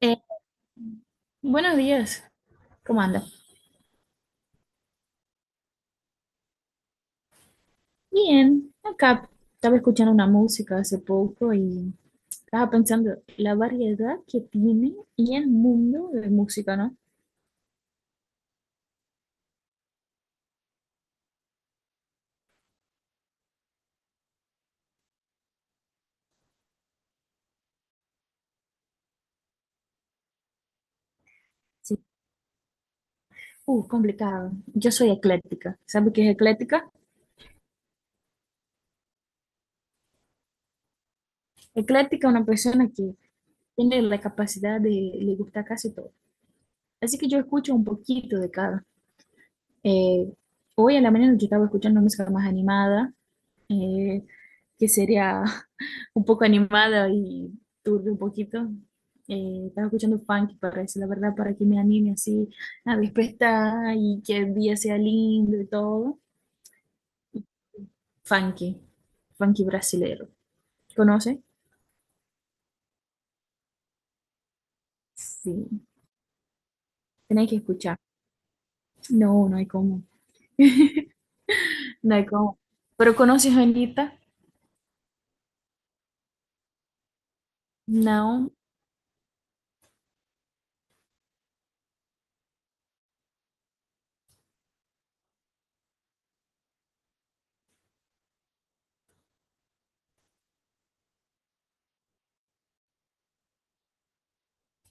Eh, Buenos días, ¿cómo anda? Bien, acá estaba escuchando una música hace poco y estaba pensando la variedad que tiene y el mundo de música, ¿no? Sí, complicado. Yo soy ecléctica. ¿Sabe qué es ecléctica? Ecléctica es una persona que tiene la capacidad de le gusta casi todo. Así que yo escucho un poquito de cada. Eh, Hoy en la mañana yo estaba escuchando música más animada. eh, que sería un poco animada y turbia un poquito. Estaba escuchando funk, parece, la verdad, para que me anime así a despertar y que el día sea lindo y todo. Funky, funky brasilero. ¿Conoce? Sí, tenéis que escuchar. No, no hay cómo. No hay cómo. ¿Pero conoces a Anitta? No.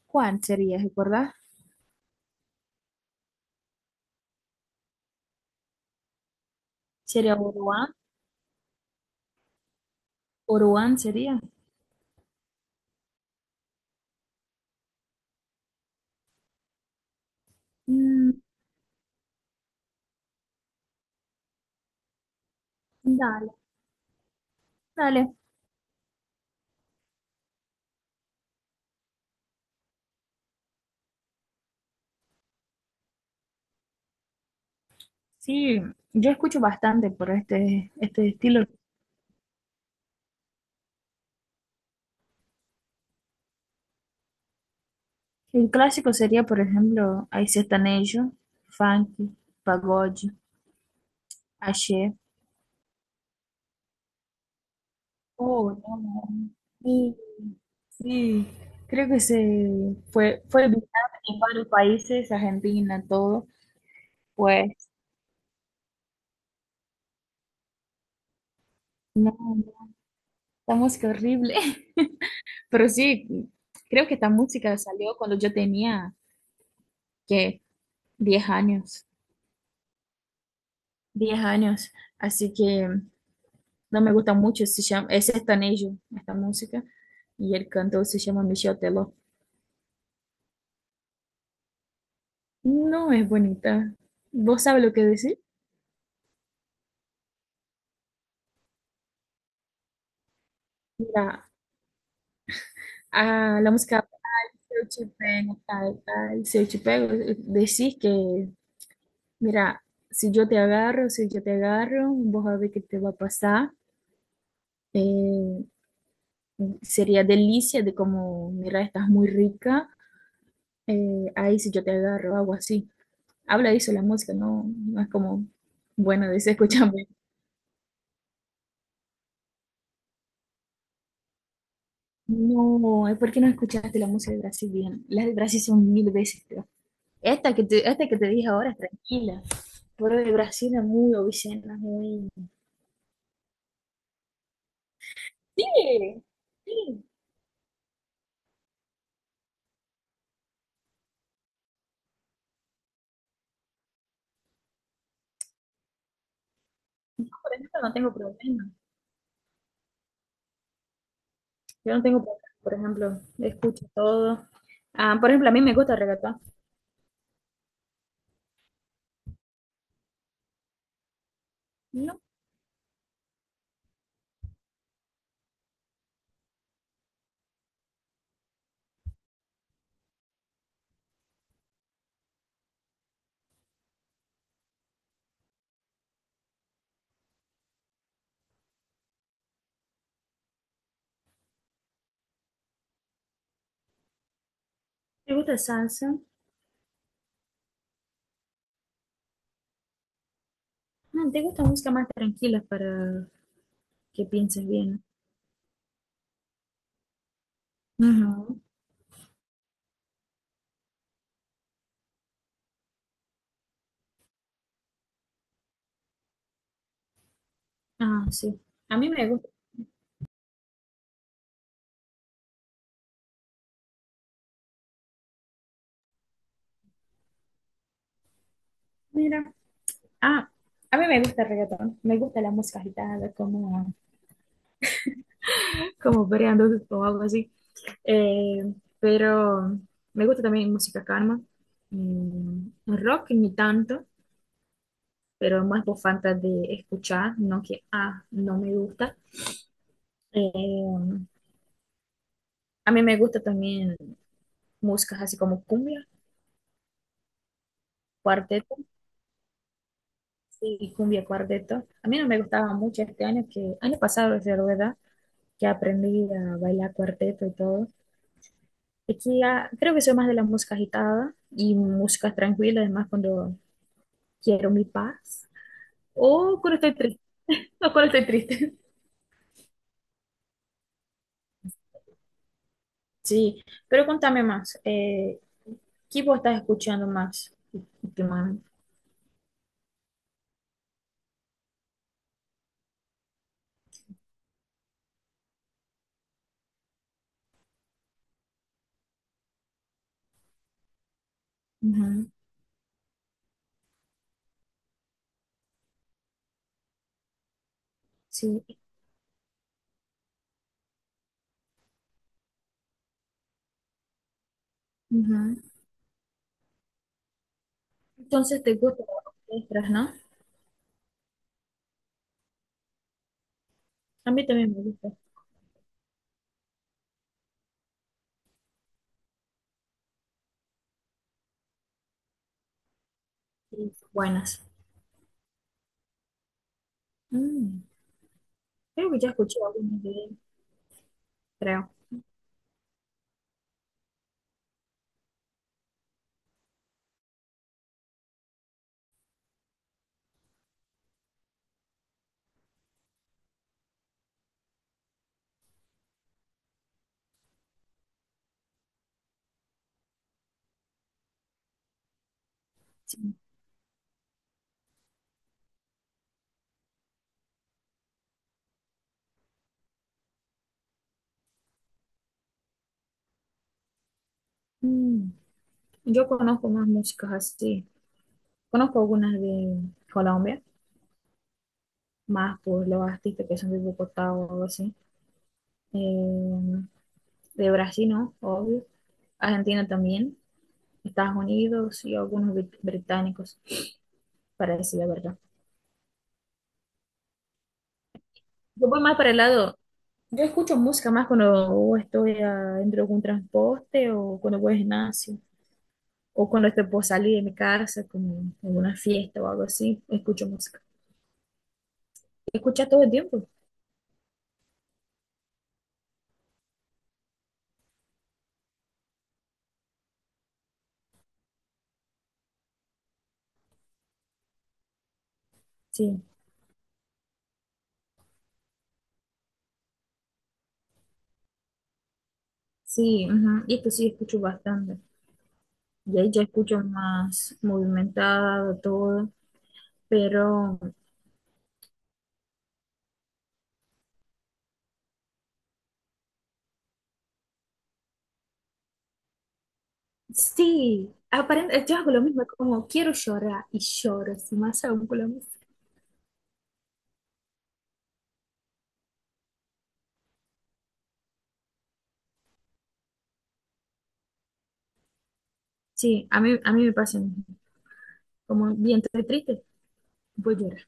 ¿Cuál sería, recordás? ¿Sería Oruan? ¿Oruan sería? Mm, dale, dale. Sí, yo escucho bastante por este estilo. El clásico sería, por ejemplo, hay sertanejo, funk, pagode, axé. Oh, no, no. Sí, sí. Creo que se fue, fue viral en varios países, Argentina, todo. Pues, no, no, esta música horrible. Pero sí, creo que esta música salió cuando yo tenía, ¿qué? 10 años. 10 años. Así que no me gusta mucho, se llama, es ellos esta música, y el cantor se llama Michel Teló. No es bonita. ¿Vos sabes lo que decir? Mira, a la música, se eu te pego, tal, tal, se eu te pego, decís que, mira, si yo te agarro, si yo te agarro, vos a ver qué te va a pasar. Eh, Sería delicia de como, mira, estás muy rica, ahí si yo te agarro, algo así. Habla de eso la música, no, no es como, bueno, de escuchame. No, es porque no escuchaste la música de Brasil bien. Las de Brasil son mil veces peor. Esta que te dije ahora es tranquila, pero de Brasil es muy obscena, muy... Sí, sí, por ejemplo, no tengo problema. Yo no tengo problema, por ejemplo, escucho todo. Ah, por ejemplo, a mí me gusta el reggaetón. No, te gusta salsa. No, te gusta música más tranquila para que pienses bien. Ujú. Ah, sí. A mí me gusta. Mira. Ah, a mí me gusta el reggaetón, me gusta la música agitada, como, como variando o algo así. Eh, pero me gusta también música calma. Mm, rock ni tanto, pero más por falta de escuchar, no que, ah, no me gusta. Eh, a mí me gusta también músicas así como cumbia, cuarteto, sí, cumbia, cuarteto. A mí no me gustaba mucho este año, que año pasado, es verdad, que aprendí a bailar cuarteto y todo. Aquí ah, creo que soy más de la música agitada y música tranquila, además cuando quiero mi paz o cuando estoy triste, o cuando estoy triste. Sí, pero contame más, ¿qué vos estás escuchando más últimamente? Ujú. Sí, ujú. ¿Entonces te gustan las orquestas, no? A mí también me gustan, sí, son buenas. Mm, creo que ya escuché algunas de ellas, creo. Sí. Mm, yo conozco más músicas así, conozco algunas de Colombia. Más pues los artistas que son de Bogotá o algo así. Eh, de Brasil, ¿no? Obvio. Argentina también, Estados Unidos y algunos británicos, para decir la verdad. Yo voy más para el lado, yo escucho música más cuando estoy ah, dentro de un transporte o cuando voy al gimnasio o cuando estoy por salir de mi casa, como alguna fiesta o algo así, escucho música. Escuchas todo el tiempo, sí, sí, ujú, y esto sí escucho bastante. Y ahí ya escucho más movimentado todo, pero sí, aparente, yo hago lo mismo, como quiero llorar y lloro, así más aún con la música. Sí, a mí me pasa lo mismo, como bien estoy triste, voy a llorar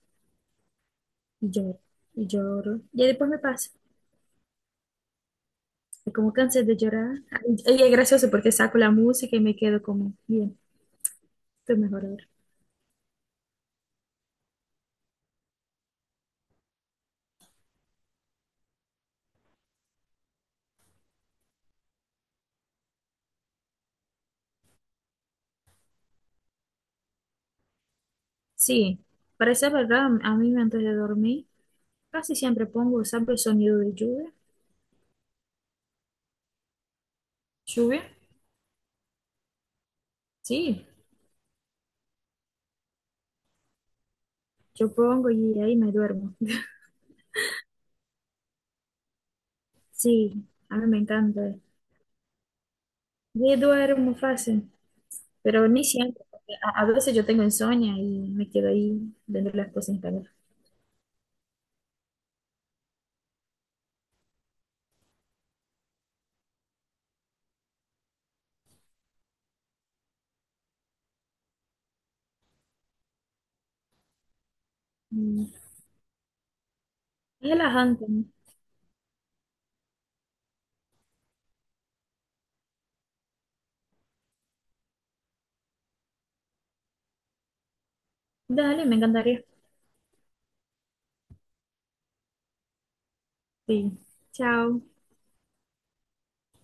y lloro y lloro, y después me pasa, y como cansé de llorar, y es gracioso porque saco la música y me quedo como, bien, estoy mejor ahora. Sí, para ser verdad, a mí antes de dormir casi siempre pongo, ¿sabes? Sonido de lluvia, lluvia, sí. Yo pongo y ahí me duermo. Sí, a mí me encanta. Yo duermo fácil, pero ni siempre. Porque a veces yo tengo insomnio y me quedo ahí viendo las cosas en calor. Mm, es relajante, ¿no? Dale, me encantaría. Sí. Chao.